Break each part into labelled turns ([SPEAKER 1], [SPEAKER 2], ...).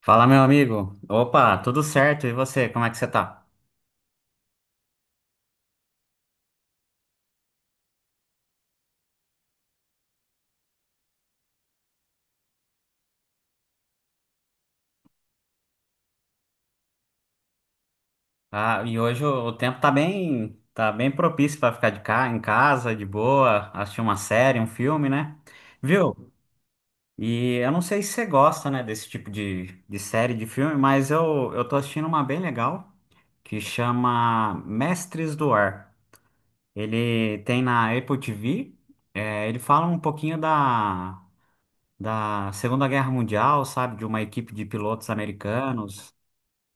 [SPEAKER 1] Fala, meu amigo. Opa, tudo certo? E você, como é que você tá? Ah, e hoje o tempo tá bem propício para ficar em casa, de boa, assistir uma série, um filme, né? Viu? E eu não sei se você gosta, né, desse tipo de série, de filme, mas eu tô assistindo uma bem legal que chama Mestres do Ar. Ele tem na Apple TV, é, ele fala um pouquinho da Segunda Guerra Mundial, sabe? De uma equipe de pilotos americanos.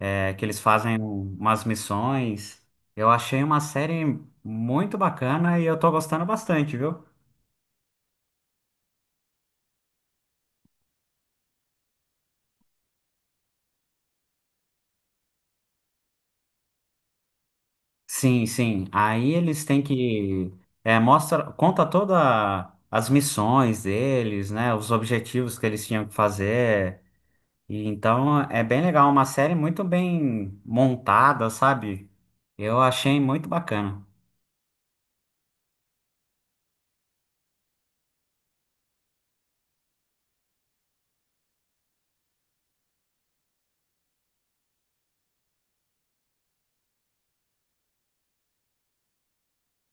[SPEAKER 1] É que eles fazem umas missões. Eu achei uma série muito bacana e eu tô gostando bastante, viu? Sim, sim. Aí eles têm que é, mostra, conta toda as missões deles, né? Os objetivos que eles tinham que fazer. E então é bem legal, uma série muito bem montada, sabe? Eu achei muito bacana.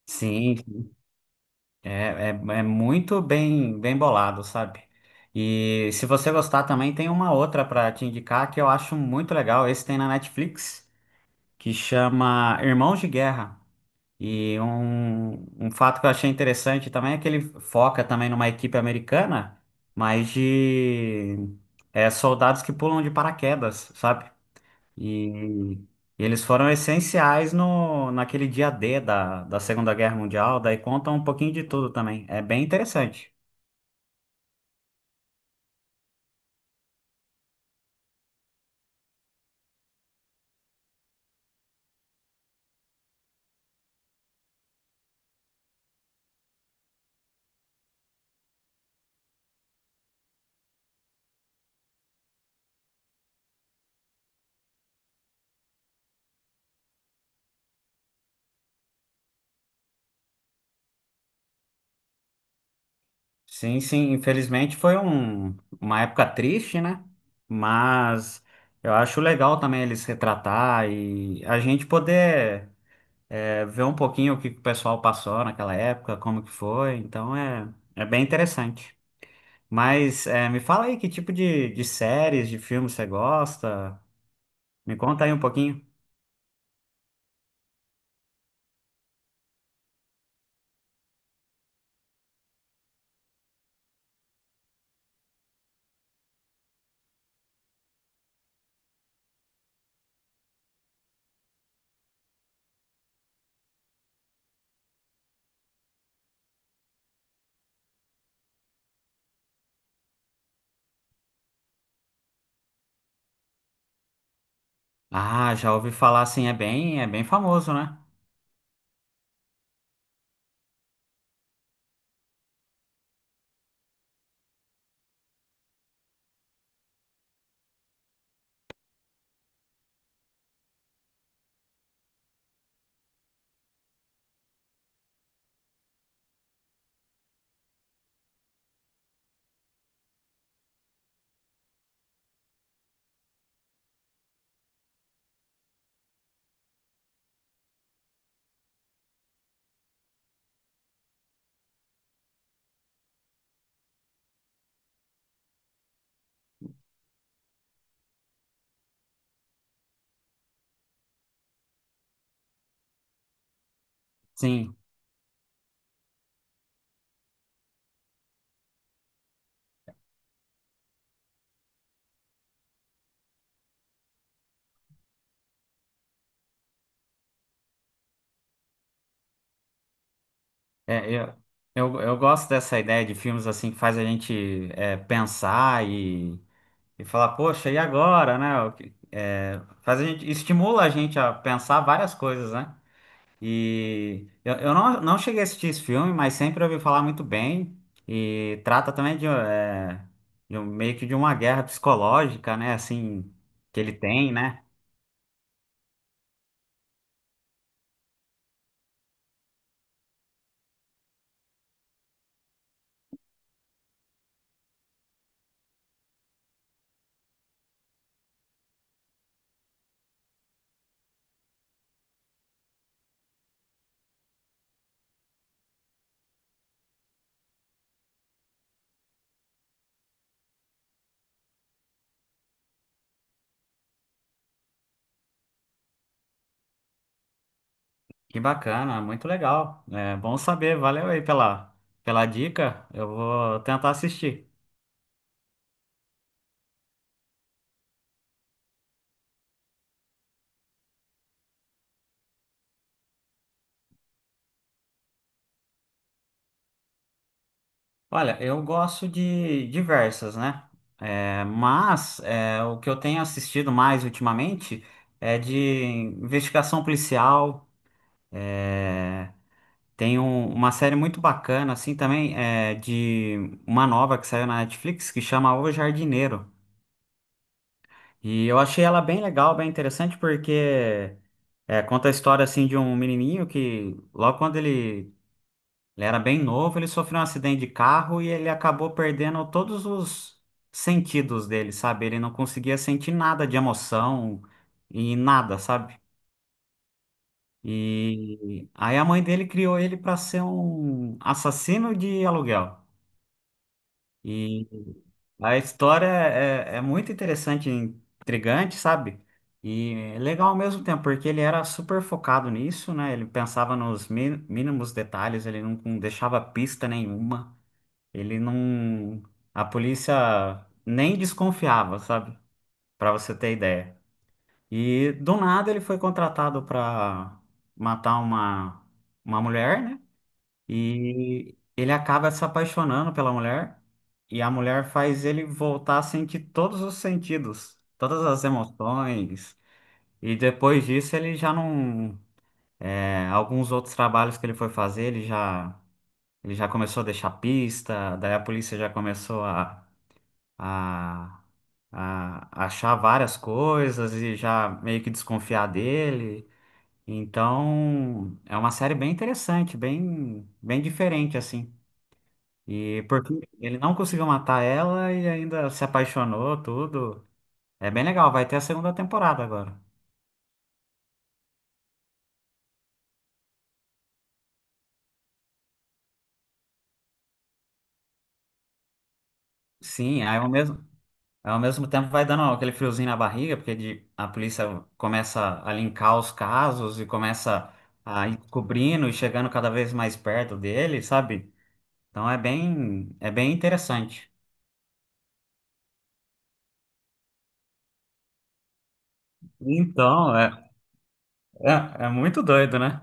[SPEAKER 1] Sim, é, é muito bem, bem bolado, sabe? E se você gostar também, tem uma outra para te indicar que eu acho muito legal. Esse tem na Netflix, que chama Irmãos de Guerra. E um fato que eu achei interessante também é que ele foca também numa equipe americana, mas de é, soldados que pulam de paraquedas, sabe? E eles foram essenciais no, naquele dia D da Segunda Guerra Mundial, daí conta um pouquinho de tudo também. É bem interessante. Sim, sim, infelizmente foi um, uma época triste, né? Mas eu acho legal também eles retratar e a gente poder é, ver um pouquinho o que que o pessoal passou naquela época, como que foi. Então é, é bem interessante. Mas é, me fala aí que tipo de séries, de filmes você gosta? Me conta aí um pouquinho. Ah, já ouvi falar, sim, é bem famoso, né? Sim, é, eu gosto dessa ideia de filmes assim que faz a gente é, pensar e falar, poxa, e agora, né? O que- é, faz a gente, estimula a gente a pensar várias coisas, né? E eu não, não cheguei a assistir esse filme, mas sempre ouvi falar muito bem e trata também de, é, de um- meio que de uma guerra psicológica, né? Assim, que ele tem, né? Que bacana, muito legal. É bom saber, valeu aí pela, pela dica. Eu vou tentar assistir. Olha, eu gosto de diversas, né? É, mas é, o que eu tenho assistido mais ultimamente é de investigação policial. Tem um- uma série muito bacana, assim, também, é, de uma nova que saiu na Netflix que chama O Jardineiro. E eu achei ela bem legal, bem interessante, porque é, conta a história, assim, de um menininho que, logo quando ele ele era bem novo, ele sofreu um acidente de carro e ele acabou perdendo todos os sentidos dele, sabe? Ele não conseguia sentir nada de emoção e nada, sabe? E aí a mãe dele criou ele para ser um assassino de aluguel. E a história é, é muito interessante, intrigante, sabe? E é legal ao mesmo tempo, porque ele era super focado nisso, né? Ele pensava nos mi- mínimos detalhes, ele não deixava pista nenhuma. Ele não. A polícia nem desconfiava, sabe? Pra você ter ideia. E do nada ele foi contratado pra matar uma mulher, né? E ele acaba se apaixonando pela mulher. E a mulher faz ele voltar a sentir todos os sentidos, todas as emoções. E depois disso ele já não. É, alguns outros trabalhos que ele foi fazer, ele já começou a deixar pista, daí a polícia já começou a, a achar várias coisas e já meio que desconfiar dele. Então, é uma série bem interessante, bem, bem diferente, assim. E porque ele não conseguiu matar ela e ainda se apaixonou, tudo. É bem legal, vai ter a segunda temporada agora. Sim, aí ao mesmo tempo vai dando aquele friozinho na barriga, porque de- a polícia começa a linkar os casos e começa a ir cobrindo e chegando cada vez mais perto dele, sabe? Então é bem interessante. Então, é, é muito doido, né?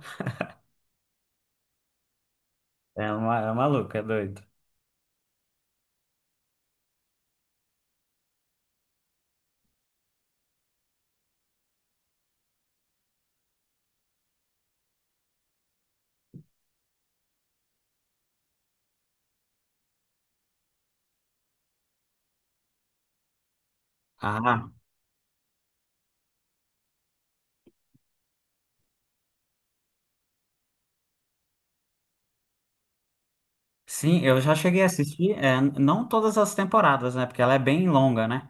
[SPEAKER 1] É, uma, é maluco, é doido. Ah, sim, eu já cheguei a assistir, é, não todas as temporadas, né? Porque ela é bem longa, né?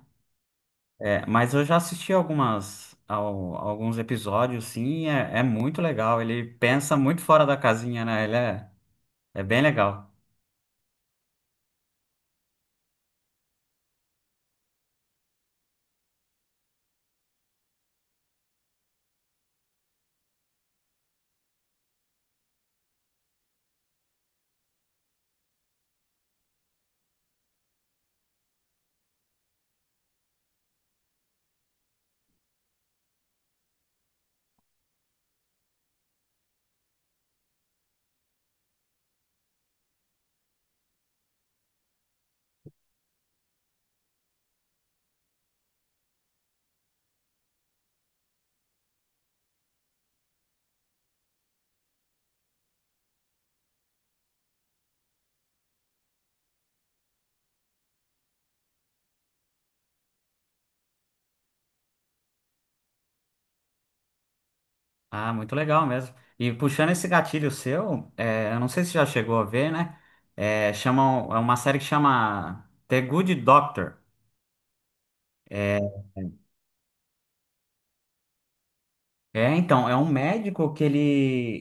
[SPEAKER 1] É, mas eu já assisti algumas, ao- alguns episódios, sim, e é, é muito legal. Ele pensa muito fora da casinha, né? Ele é, é bem legal. Ah, muito legal mesmo. E puxando esse gatilho seu, é, eu não sei se já chegou a ver, né? É, chamam, é uma série que chama The Good Doctor. É, é, então, é um médico que ele,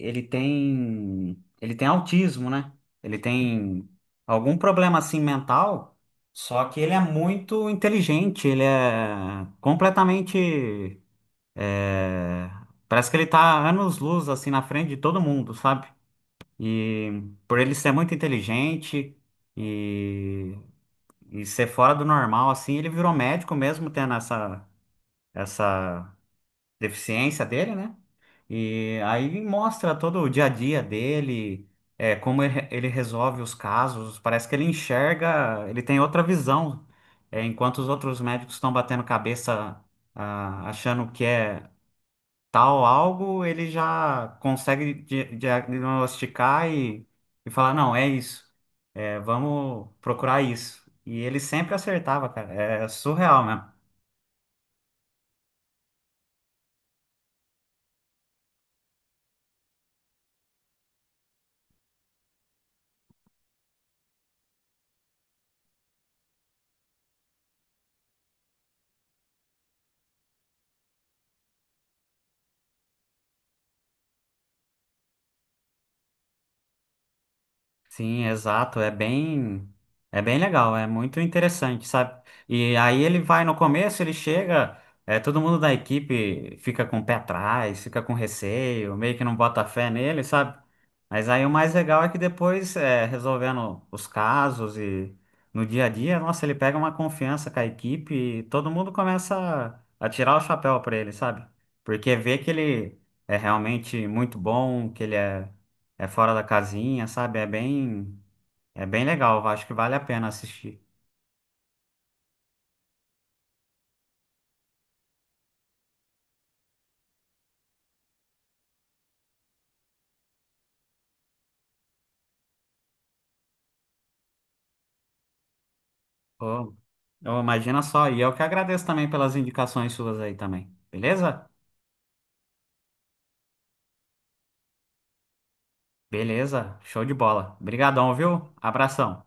[SPEAKER 1] ele tem, ele tem autismo, né? Ele tem algum problema assim mental, só que ele é muito inteligente, ele é completamente, é, parece que ele tá anos-luz assim na frente de todo mundo, sabe? E por ele ser muito inteligente e, e ser fora do normal, assim, ele virou médico mesmo tendo essa, essa deficiência dele, né? E aí mostra todo o dia a dia dele, é, como ele resolve os casos. Parece que ele enxerga, ele tem outra visão, é, enquanto os outros médicos estão batendo cabeça, ah, achando que é tal algo, ele já consegue di- diagnosticar e falar, não, é isso. É, vamos procurar isso. E ele sempre acertava, cara. É surreal mesmo. Sim, exato, é bem legal, é muito interessante, sabe? E aí ele vai no começo, ele chega, é, todo mundo da equipe fica com o pé atrás, fica com receio, meio que não bota fé nele, sabe? Mas aí o mais legal é que depois, é, resolvendo os casos e no dia a dia, nossa, ele pega uma confiança com a equipe e todo mundo começa a tirar o chapéu pra ele, sabe? Porque vê que ele é realmente muito bom, que ele é é fora da casinha, sabe? É bem legal. Eu acho que vale a pena assistir. Oh, oh, imagina só. E eu que agradeço também pelas indicações suas aí também. Beleza? Beleza. Show de bola. Obrigadão, viu? Abração.